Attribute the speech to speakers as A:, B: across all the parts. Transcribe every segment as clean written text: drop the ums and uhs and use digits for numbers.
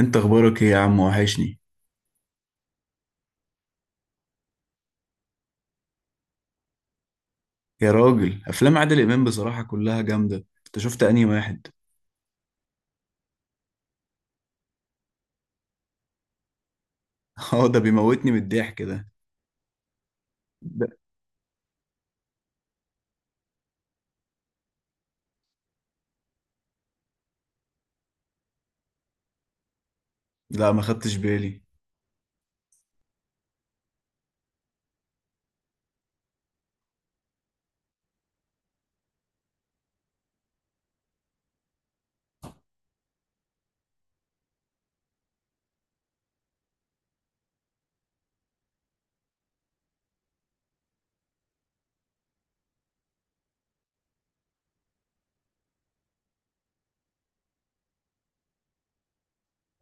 A: انت اخبارك ايه يا عم؟ وحشني. يا راجل افلام عادل امام بصراحة كلها جامدة. انت شفت انهي واحد؟ اه، ده بيموتني من الضحك ده. ده- لا، ما خدتش بالي.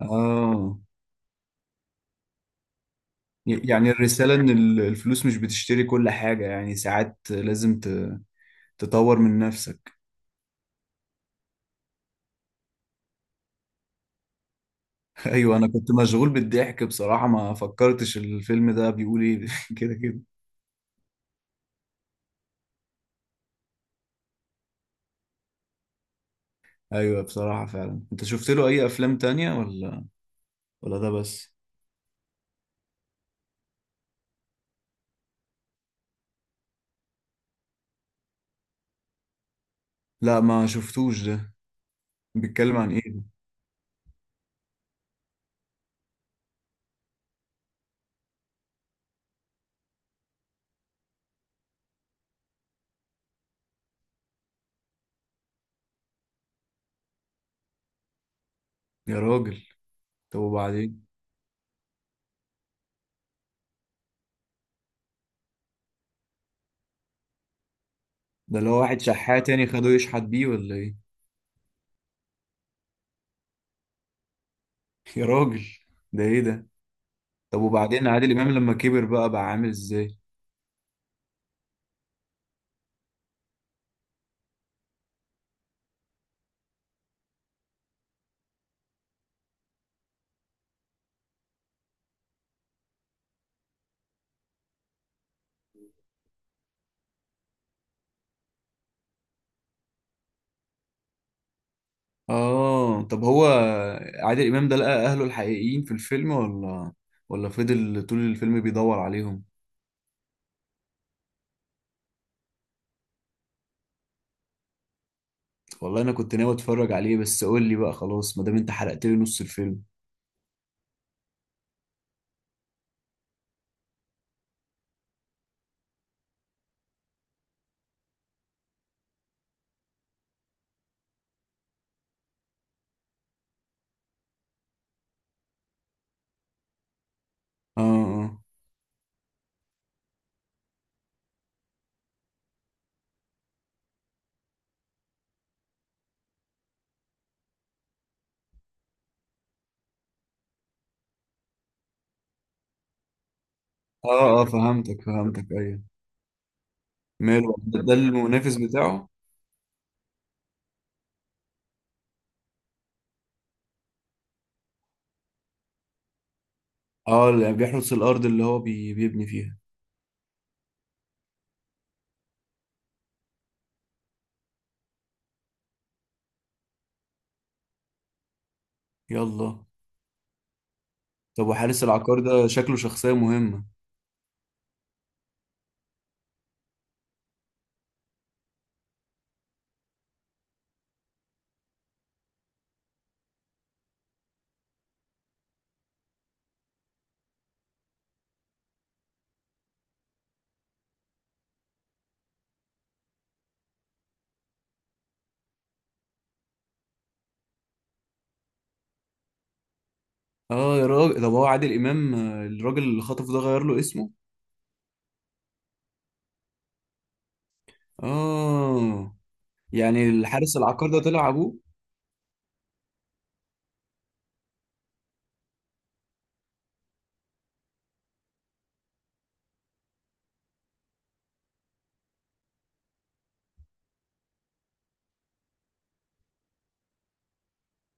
A: اه، يعني الرسالة ان الفلوس مش بتشتري كل حاجة، يعني ساعات لازم تطور من نفسك. ايوه، انا كنت مشغول بالضحك بصراحة، ما فكرتش الفيلم ده بيقول ايه. كده كده. ايوه بصراحة، فعلا انت شفت له اي افلام تانية ولا ولا ده بس؟ لا، ما شفتوش ده. بيتكلم عن ايه ده؟ يا راجل، طب وبعدين؟ ده اللي هو واحد شحات تاني خده يشحت بيه ولا ايه؟ يا راجل، ده ايه ده؟ طب وبعدين عادل امام لما كبر بقى بقى عامل ازاي؟ اه، طب هو عادل امام ده لقى اهله الحقيقيين في الفيلم ولا ولا فضل طول الفيلم بيدور عليهم؟ والله انا كنت ناوي اتفرج عليه، بس قول لي بقى خلاص ما دام انت حرقت لي نص الفيلم. اه اه اه اه، فهمتك فهمتك. ايوه، ماله ده؟ المنافس بتاعه؟ اه، اللي بيحرس الارض اللي هو بيبني فيها. يلا. طب وحارس العقار ده شكله شخصية مهمة. اه يا راجل، طب هو عادل امام الراجل اللي خطفه ده غير له اسمه؟ اه، يعني الحارس العقار ده طلع ابوه.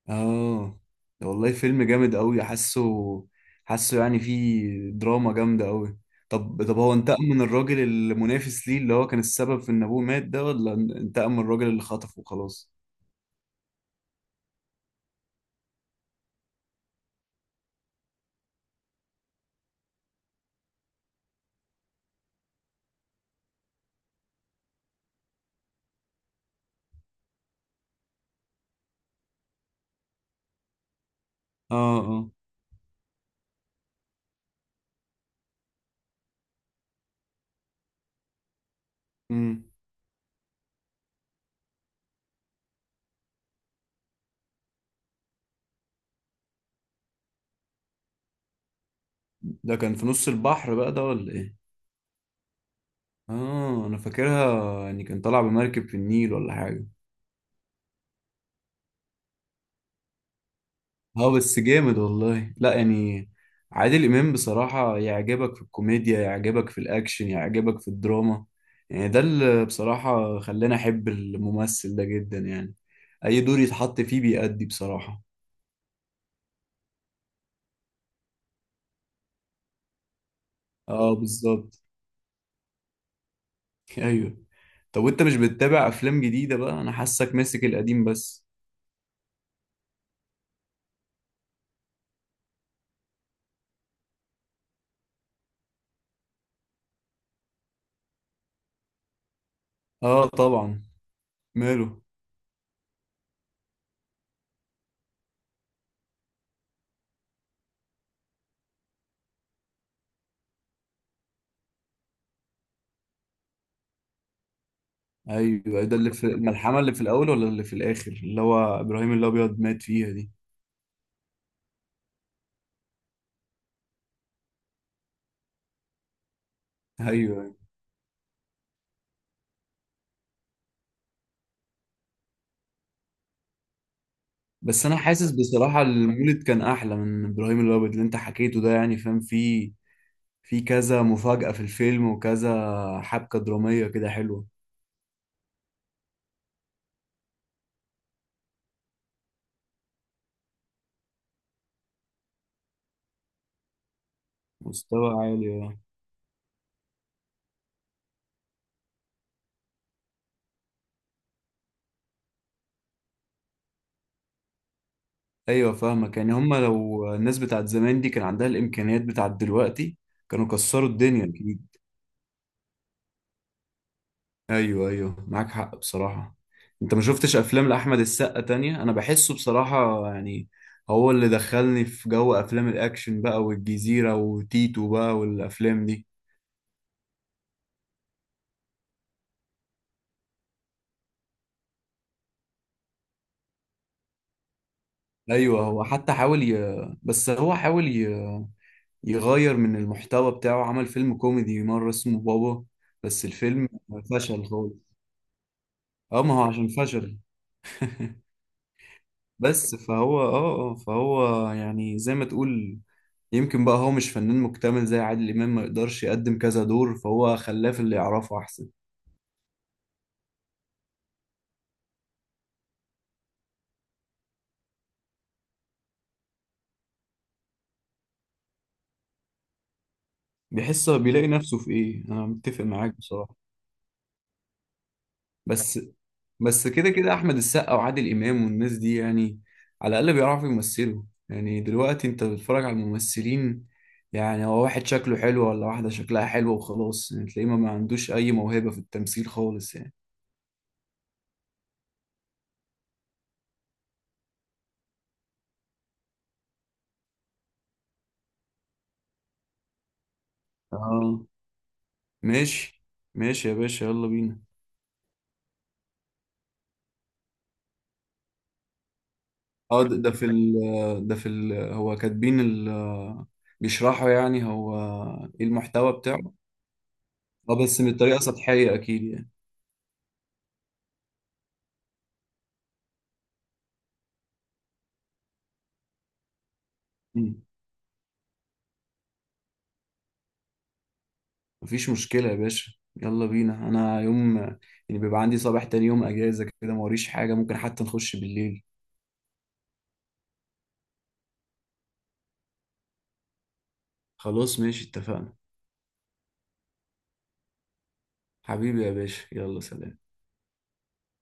A: اه، ده والله فيلم جامد قوي، حاسه حاسه يعني فيه دراما جامدة قوي. طب هو انتقم من الراجل المنافس ليه اللي هو كان السبب في ان ابوه مات ده، ولا انتقم من الراجل اللي خطفه وخلاص؟ اه اه. امم. ده كان في نص البحر بقى ده ولا ايه؟ اه انا فاكرها يعني كان طالع بمركب في النيل ولا حاجه. اه بس جامد والله، لا يعني عادل امام بصراحه يعجبك في الكوميديا، يعجبك في الاكشن، يعجبك في الدراما. يعني ده اللي بصراحه خلاني احب الممثل ده جدا يعني. اي دور يتحط فيه بيأدي بصراحه. اه بالظبط. ايوه. طب وانت مش بتتابع افلام جديده بقى؟ انا حاسك ماسك القديم بس. اه طبعا. ماله؟ ايوه، ده اللي في الملحمه اللي في الاول ولا اللي في الاخر اللي هو ابراهيم الابيض مات فيها دي؟ ايوه أيوة. بس انا حاسس بصراحه المولد كان احلى من ابراهيم الابيض اللي انت حكيته ده، يعني فاهم، في في كذا مفاجاه في الفيلم وكذا حبكه دراميه كده حلوه. مستوى عالي اه. ايوه فاهمك، يعني هما لو الناس بتاعت زمان دي كان عندها الامكانيات بتاعت دلوقتي كانوا كسروا الدنيا. ايوه ايوه، معاك حق بصراحة. انت ما شفتش افلام لاحمد السقا تانية؟ انا بحسه بصراحة يعني هو اللي دخلني في جو افلام الاكشن بقى، والجزيرة وتيتو بقى والافلام دي. ايوه، هو حتى حاول ي... بس هو حاول ي... يغير من المحتوى بتاعه، عمل فيلم كوميدي مرة اسمه بابا، بس الفيلم فشل خالص. اه، ما هو عشان فشل. بس فهو اه اه، فهو يعني زي ما تقول يمكن بقى هو مش فنان مكتمل زي عادل إمام، ما يقدرش يقدم كذا دور، فهو خلاه في اللي يعرفه أحسن. بيحس بيلاقي نفسه في إيه، أنا متفق معاك بصراحة. بس. بس كده كده أحمد السقا وعادل إمام والناس دي يعني على الأقل بيعرفوا يمثلوا. يعني دلوقتي أنت بتتفرج على الممثلين، يعني هو واحد شكله حلو ولا واحدة شكلها حلوة وخلاص، يعني تلاقيه ما عندوش أي موهبة في التمثيل خالص يعني. آه، ماشي. ماشي يا باشا، يلا بينا. اه ده ده في ال ده في ال هو كاتبين بيشرحوا يعني هو ايه المحتوى بتاعه. اه بس من طريقة سطحية اكيد يعني. مم. مفيش مشكلة يا باشا، يلا بينا. انا يوم، يعني بيبقى عندي صباح تاني يوم اجازة كده موريش حاجة، ممكن حتى نخش بالليل. خلاص ماشي، اتفقنا. حبيبي يا باشا، يلا سلام.